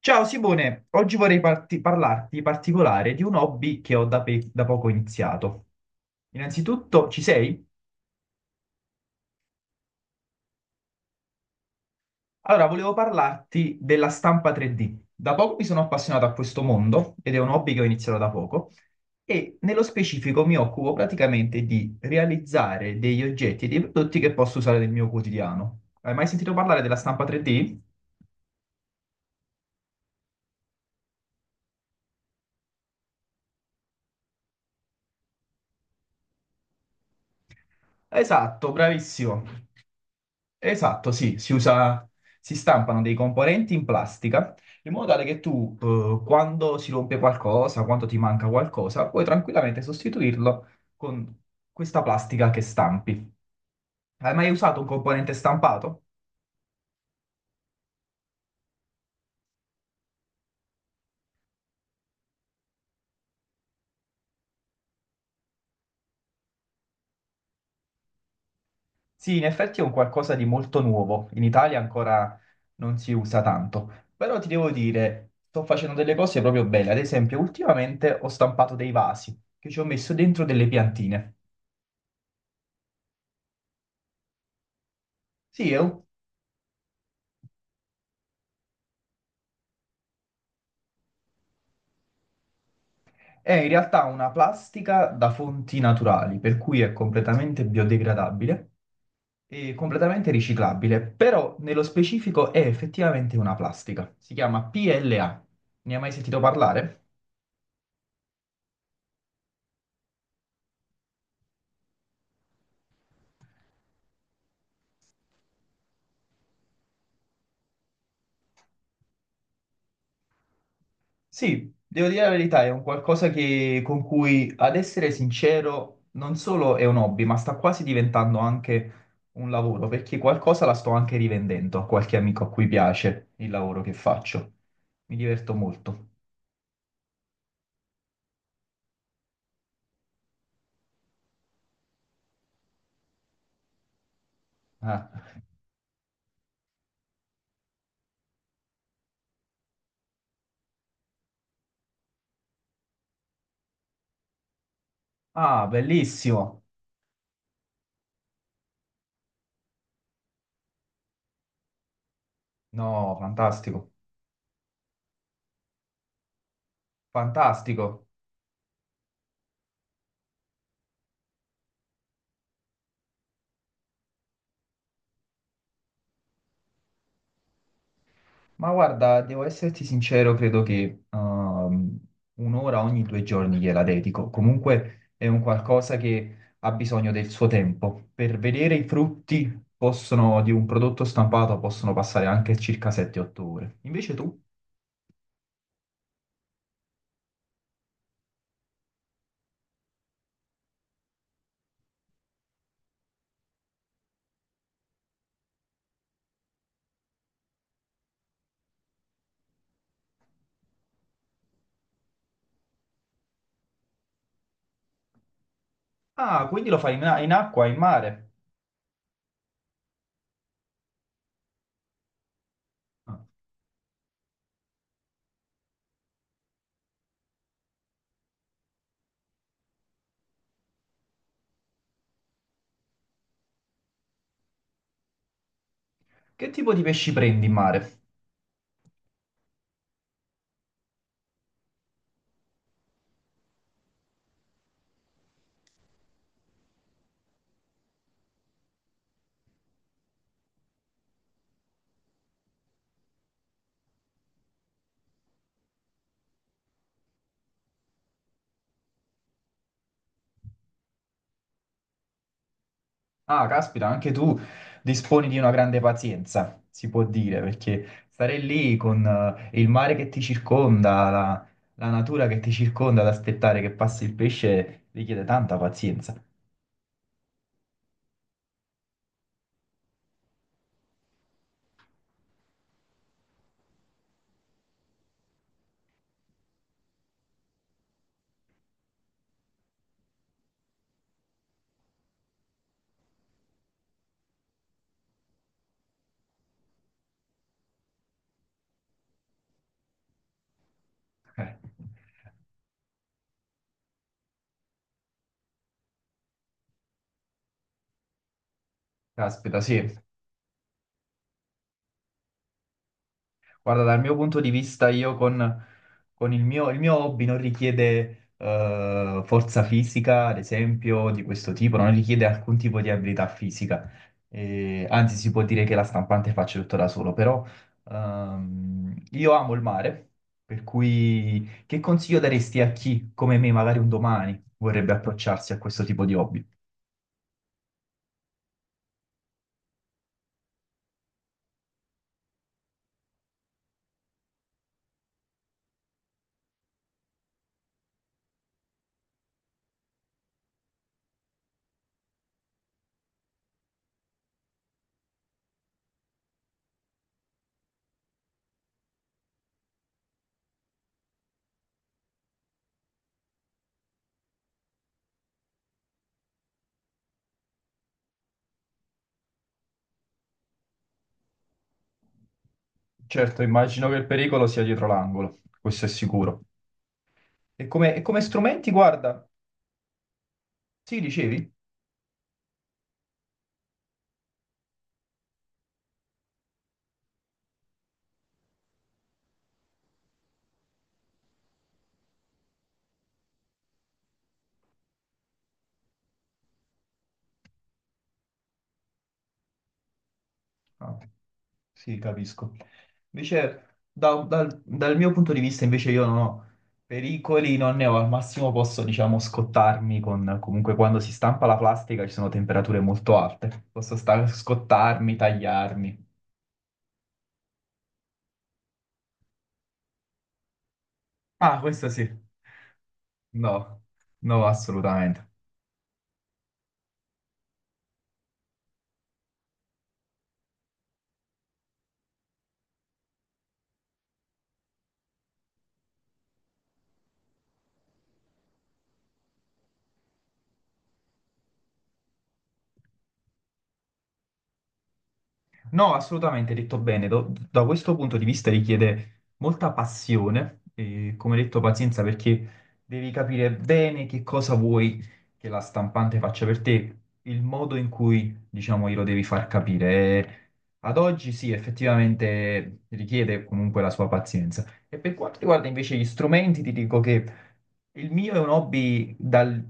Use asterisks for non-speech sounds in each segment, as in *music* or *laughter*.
Ciao Simone, oggi vorrei parlarti in particolare di un hobby che ho da poco iniziato. Innanzitutto, ci sei? Allora, volevo parlarti della stampa 3D. Da poco mi sono appassionato a questo mondo ed è un hobby che ho iniziato da poco e nello specifico mi occupo praticamente di realizzare degli oggetti e dei prodotti che posso usare nel mio quotidiano. Hai mai sentito parlare della stampa 3D? Esatto, bravissimo. Esatto, sì, si usa, si stampano dei componenti in plastica in modo tale che tu, quando si rompe qualcosa, quando ti manca qualcosa, puoi tranquillamente sostituirlo con questa plastica che stampi. Hai mai usato un componente stampato? Sì, in effetti è un qualcosa di molto nuovo. In Italia ancora non si usa tanto, però ti devo dire, sto facendo delle cose proprio belle. Ad esempio, ultimamente ho stampato dei vasi che ci ho messo dentro delle piantine. Sì, è un. È in realtà una plastica da fonti naturali, per cui è completamente biodegradabile e completamente riciclabile, però nello specifico è effettivamente una plastica. Si chiama PLA. Ne hai mai sentito parlare? Sì, devo dire la verità, è un qualcosa che, con cui, ad essere sincero, non solo è un hobby, ma sta quasi diventando anche un lavoro, perché qualcosa la sto anche rivendendo a qualche amico a cui piace il lavoro che faccio. Mi diverto molto. Ah. Ah, bellissimo. No, fantastico, fantastico. Ma guarda, devo esserti sincero, credo che un'ora ogni 2 giorni gliela dedico. Comunque è un qualcosa che ha bisogno del suo tempo. Per vedere i frutti possono, di un prodotto stampato possono passare anche circa 7-8 ore. Invece tu? Ah, quindi lo fai in, in acqua, in mare. Ah. Che tipo di pesci prendi in mare? Ah, caspita, anche tu disponi di una grande pazienza, si può dire, perché stare lì con il mare che ti circonda, la natura che ti circonda, ad aspettare che passi il pesce richiede tanta pazienza. Eh, Caspita, sì. Guarda, dal mio punto di vista, con il mio hobby non richiede forza fisica, ad esempio, di questo tipo, non richiede alcun tipo di abilità fisica. Anzi, si può dire che la stampante faccio tutto da solo, però io amo il mare, per cui che consiglio daresti a chi, come me, magari un domani vorrebbe approcciarsi a questo tipo di hobby? Certo, immagino che il pericolo sia dietro l'angolo, questo è sicuro. E come strumenti, guarda. Sì, dicevi? Ah, sì, capisco. Invece, dal mio punto di vista, invece io non ho pericoli, non ne ho. Al massimo posso, diciamo, scottarmi con... Comunque, quando si stampa la plastica ci sono temperature molto alte. Posso scottarmi, tagliarmi. Ah, questo sì. No, no, assolutamente. No, assolutamente, hai detto bene. Da questo punto di vista richiede molta passione e, come detto, pazienza perché devi capire bene che cosa vuoi che la stampante faccia per te, il modo in cui, diciamo, glielo devi far capire. E ad oggi sì, effettivamente richiede comunque la sua pazienza. E per quanto riguarda invece gli strumenti, ti dico che il mio è un hobby dal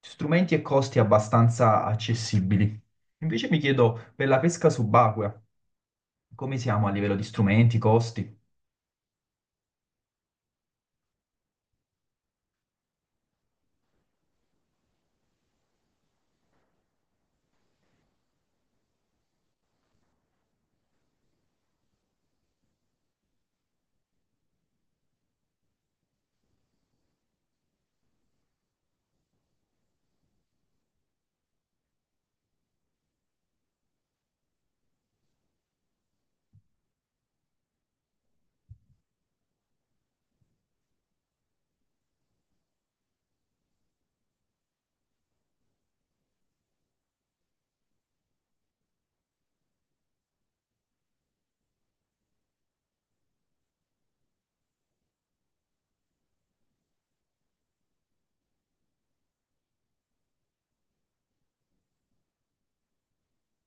strumenti e costi abbastanza accessibili. Invece mi chiedo per la pesca subacquea. Come siamo a livello di strumenti, costi?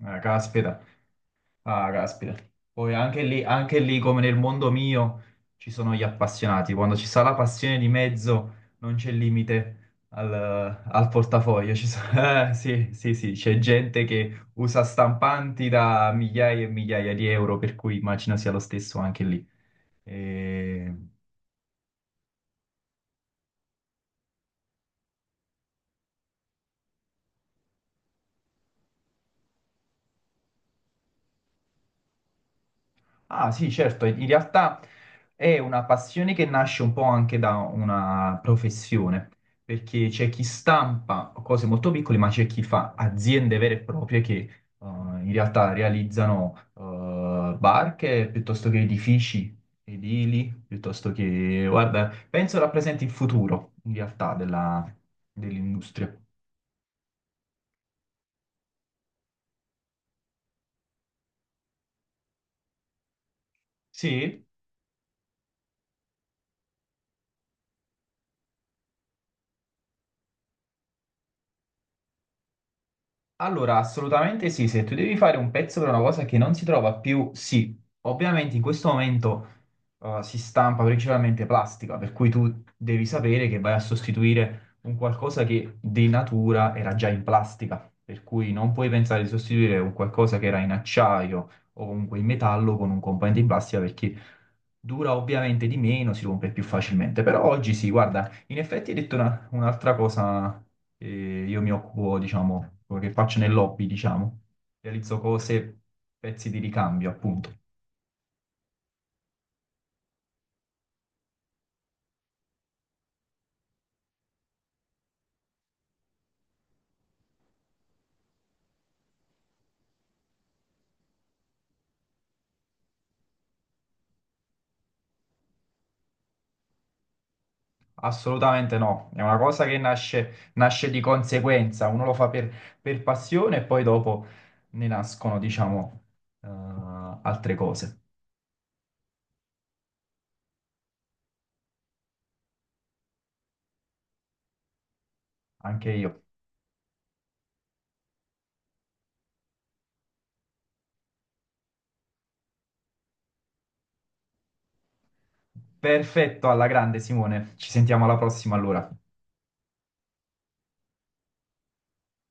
Ah, caspita, ah, caspita. Poi anche lì, come nel mondo mio, ci sono gli appassionati. Quando ci sta la passione di mezzo, non c'è limite al, al portafoglio. Ci so- *laughs* sì, sì, sì, c'è gente che usa stampanti da migliaia e migliaia di euro, per cui immagino sia lo stesso anche lì. E... Ah sì, certo, in realtà è una passione che nasce un po' anche da una professione, perché c'è chi stampa cose molto piccole, ma c'è chi fa aziende vere e proprie che in realtà realizzano barche piuttosto che edifici edili, piuttosto che, guarda, penso rappresenti il futuro in realtà dell'industria. Sì? Allora, assolutamente sì, se tu devi fare un pezzo per una cosa che non si trova più, sì, ovviamente in questo momento si stampa principalmente plastica, per cui tu devi sapere che vai a sostituire un qualcosa che di natura era già in plastica, per cui non puoi pensare di sostituire un qualcosa che era in acciaio o comunque in metallo con un componente in plastica perché dura ovviamente di meno, si rompe più facilmente. Però oggi sì, guarda, in effetti hai detto un'altra cosa che io mi occupo, diciamo, che faccio nel lobby, diciamo, realizzo cose, pezzi di ricambio, appunto. Assolutamente no, è una cosa che nasce, nasce di conseguenza, uno lo fa per passione e poi dopo ne nascono, diciamo, eh, altre cose, anche io. Perfetto, alla grande Simone, ci sentiamo alla prossima allora.